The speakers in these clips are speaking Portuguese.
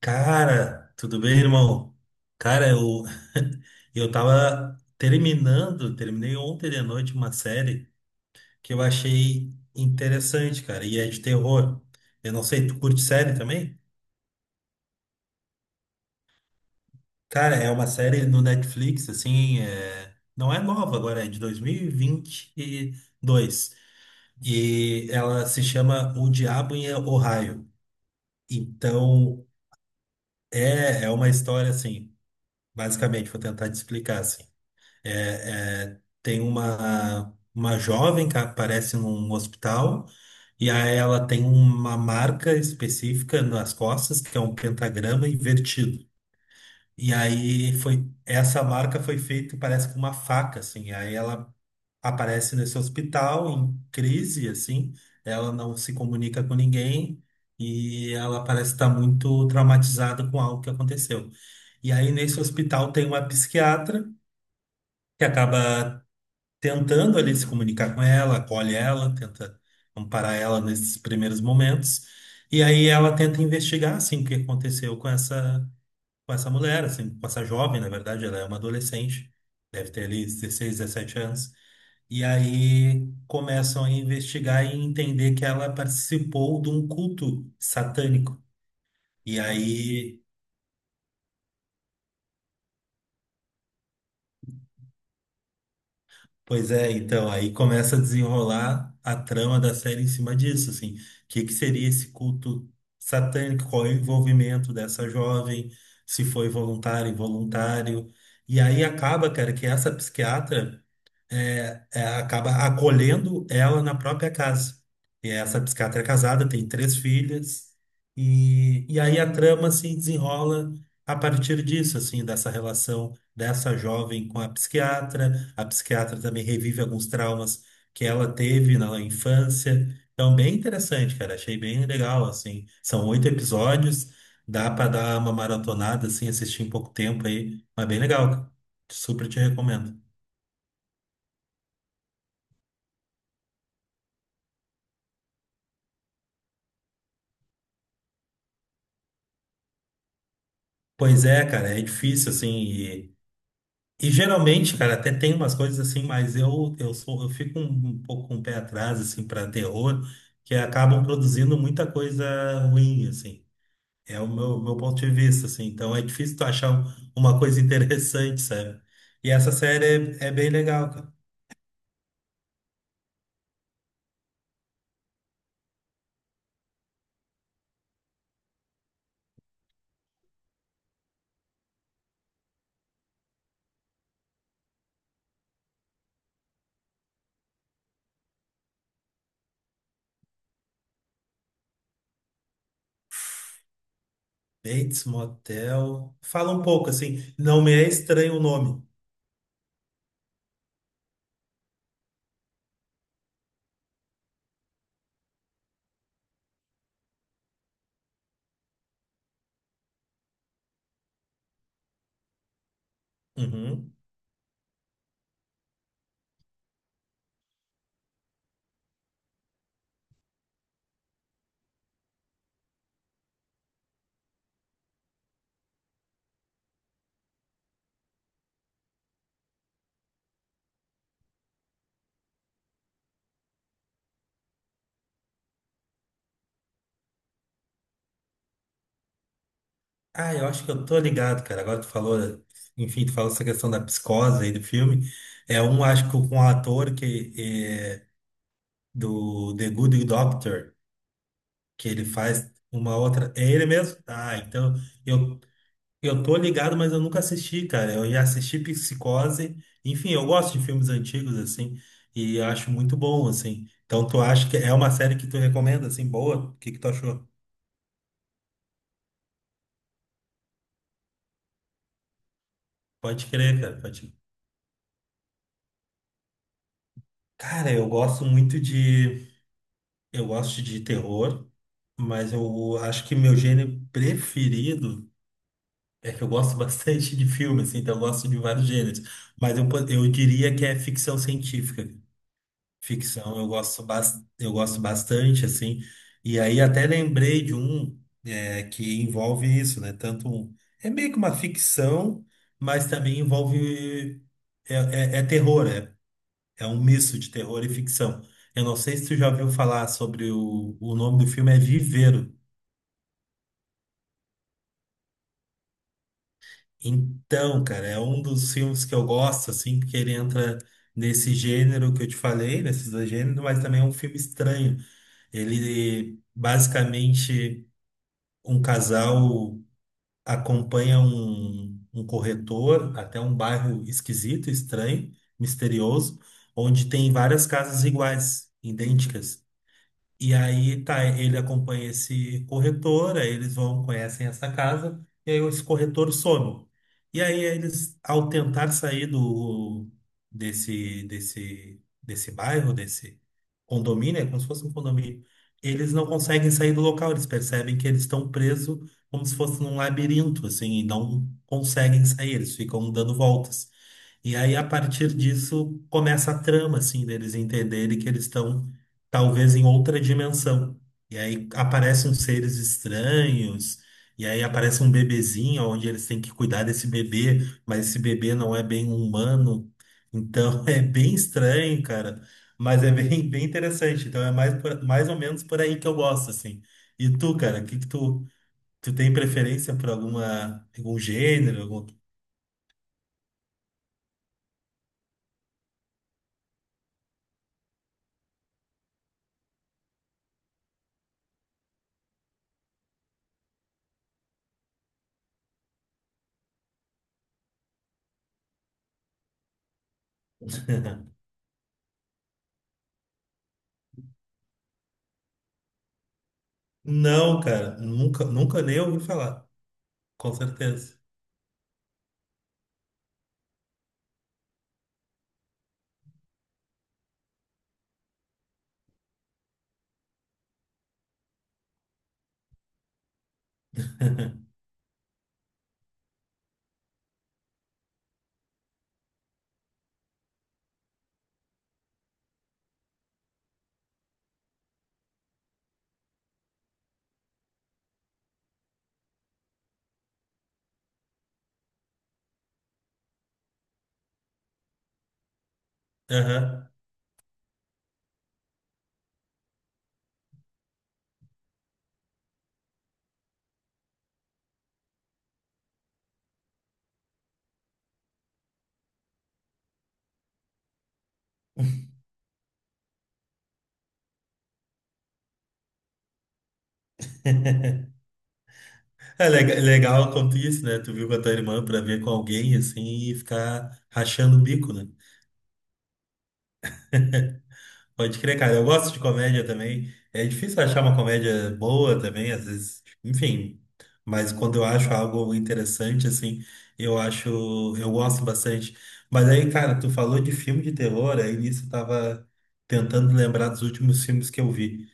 Cara, tudo bem, irmão? Cara, terminei ontem de noite uma série que eu achei interessante, cara, e é de terror. Eu não sei, tu curte série também? Cara, é uma série no Netflix, assim, não é nova agora, é de 2022. E vinte e dois. E ela se chama O Diabo em Ohio. Então, é uma história, assim, basicamente, vou tentar te explicar, assim. Tem uma jovem que aparece num hospital e aí ela tem uma marca específica nas costas, que é um pentagrama invertido. E aí foi essa marca foi feita, parece com uma faca, assim. Aí ela aparece nesse hospital em crise, assim. Ela não se comunica com ninguém e ela parece estar muito traumatizada com algo que aconteceu. E aí nesse hospital tem uma psiquiatra que acaba tentando ali se comunicar com ela, acolhe ela, tenta amparar ela nesses primeiros momentos. E aí ela tenta investigar, assim, o que aconteceu com essa mulher, assim, com essa jovem, na verdade, ela é uma adolescente, deve ter ali 16, 17 anos. E aí começam a investigar e entender que ela participou de um culto satânico. E aí Pois é, então, aí começa a desenrolar a trama da série em cima disso, assim. O que que seria esse culto satânico? Qual é o envolvimento dessa jovem? Se foi voluntário, involuntário. E aí acaba, cara, que essa psiquiatra acaba acolhendo ela na própria casa. E essa psiquiatra é casada, tem três filhas, e aí a trama se desenrola a partir disso, assim, dessa relação dessa jovem com a psiquiatra. A psiquiatra também revive alguns traumas que ela teve na infância. Então, bem interessante, cara. Achei bem legal, assim. São 8 episódios, dá para dar uma maratonada, assim, assistir em pouco tempo aí, mas bem legal, cara. Super te recomendo. Pois é, cara, é difícil, assim, e geralmente, cara, até tem umas coisas assim, mas eu sou, eu fico um pouco com o pé atrás, assim, para terror, que acabam produzindo muita coisa ruim, assim. É o meu ponto de vista, assim. Então é difícil tu achar um- uma coisa interessante, sabe? E essa série é, é bem legal, cara. Bates Motel. Fala um pouco, assim, não me é estranho o nome. Uhum. Ah, eu acho que eu tô ligado, cara. Agora tu falou, enfim, tu falou essa questão da psicose aí do filme. É um, acho que com um ator que é, do The Good Doctor, que ele faz uma outra. É ele mesmo? Ah, então eu, eu tô ligado, mas eu nunca assisti, cara. Eu já assisti Psicose. Enfim, eu gosto de filmes antigos, assim, e acho muito bom, assim. Então tu acha que é uma série que tu recomenda, assim, boa? O que que tu achou? Pode crer, cara. Pode... Cara, eu gosto muito de. Eu gosto de terror, mas eu acho que meu gênero preferido é que eu gosto bastante de filmes, assim, então eu gosto de vários gêneros. Mas eu, po- eu diria que é ficção científica. Ficção eu gosto, bas- eu gosto bastante, assim. E aí até lembrei de um é, que envolve isso, né? Tanto um- é meio que uma ficção, mas também envolve é terror. É é um misto de terror e ficção. Eu não sei se tu já ouviu falar sobre o nome do filme é Viveiro. Então, cara, é um dos filmes que eu gosto, assim, porque ele entra nesse gênero que eu te falei, nesses dois gêneros, mas também é um filme estranho. Ele, basicamente, um casal acompanha um corretor até um bairro esquisito, estranho, misterioso, onde tem várias casas iguais, idênticas. E aí tá, ele acompanha esse corretor, aí eles vão, conhecem essa casa, e aí esse corretor some. E aí eles, ao tentar sair do desse desse desse bairro, desse condomínio, é como se fosse um condomínio, eles não conseguem sair do local, eles percebem que eles estão presos como se fosse num labirinto, assim, e não conseguem sair, eles ficam dando voltas. E aí, a partir disso, começa a trama, assim, deles entenderem que eles estão, talvez, em outra dimensão. E aí aparecem uns seres estranhos, e aí aparece um bebezinho, onde eles têm que cuidar desse bebê, mas esse bebê não é bem humano. Então, é bem estranho, cara, mas é bem, bem interessante. Então, é mais, por- mais ou menos por aí que eu gosto, assim. E tu, cara, o que que tu tem preferência por alguma, algum gênero? Não, cara, nunca, nunca nem ouvi falar, com certeza. Aham. É lega- é legal quanto isso, né? Tu viu com a tua irmã pra ver com alguém assim e ficar rachando o bico, né? Pode crer, cara. Eu gosto de comédia também. É difícil achar uma comédia boa também, às vezes, enfim. Mas quando eu acho algo interessante, assim, eu acho, eu gosto bastante. Mas aí, cara, tu falou de filme de terror, aí nisso eu tava tentando lembrar dos últimos filmes que eu vi.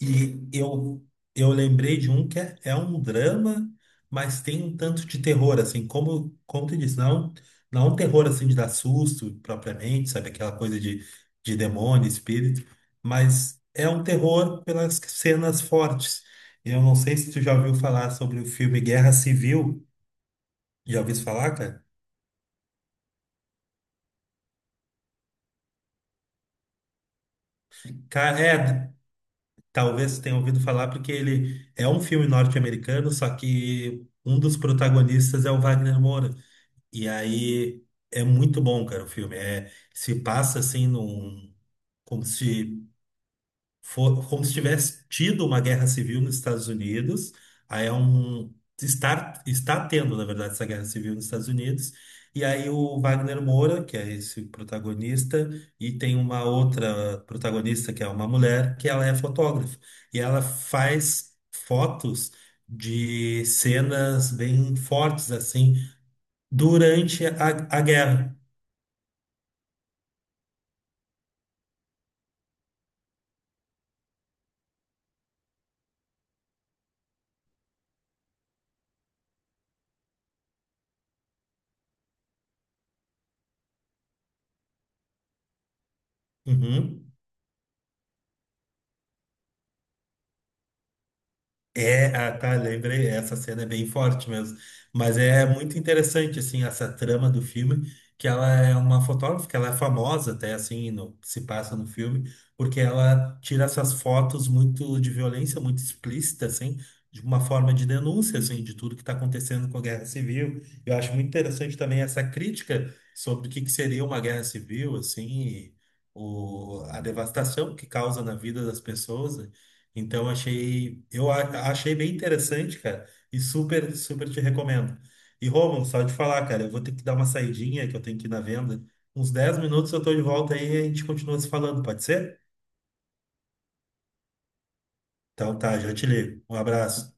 E eu, eu lembrei de um que é, é um drama, mas tem um tanto de terror, assim, como, como tu disse, não, é um, não é um terror assim de dar susto propriamente, sabe? Aquela coisa de demônio, espírito, mas é um terror pelas cenas fortes. Eu não sei se tu já ouviu falar sobre o filme Guerra Civil. Já ouviu falar, cara? Cara, é, talvez você tenha ouvido falar, porque ele é um filme norte-americano, só que um dos protagonistas é o Wagner Moura. E aí é muito bom, cara, o filme. É, se passa assim num, como se como se tivesse tido uma guerra civil nos Estados Unidos. Aí é um está tendo, na verdade, essa guerra civil nos Estados Unidos. E aí o Wagner Moura, que é esse protagonista, e tem uma outra protagonista que é uma mulher, que ela é fotógrafa. E ela faz fotos de cenas bem fortes assim durante a guerra. Uhum. É, ah, tá, lembrei, essa cena é bem forte mesmo. Mas é muito interessante, assim, essa trama do filme, que ela é uma fotógrafa, que ela é famosa até, assim, no, se passa no filme, porque ela tira essas fotos muito de violência, muito explícita, assim, de uma forma de denúncia, assim, de tudo que está acontecendo com a guerra civil. Eu acho muito interessante também essa crítica sobre o que que seria uma guerra civil, assim, e o, a devastação que causa na vida das pessoas, né? Então achei, eu a- achei bem interessante, cara, e super, super te recomendo. E Romulo, só de falar, cara, eu vou ter que dar uma saidinha que eu tenho que ir na venda. Uns 10 minutos eu tô de volta aí e a gente continua se falando, pode ser? Então tá, já te ligo. Um abraço.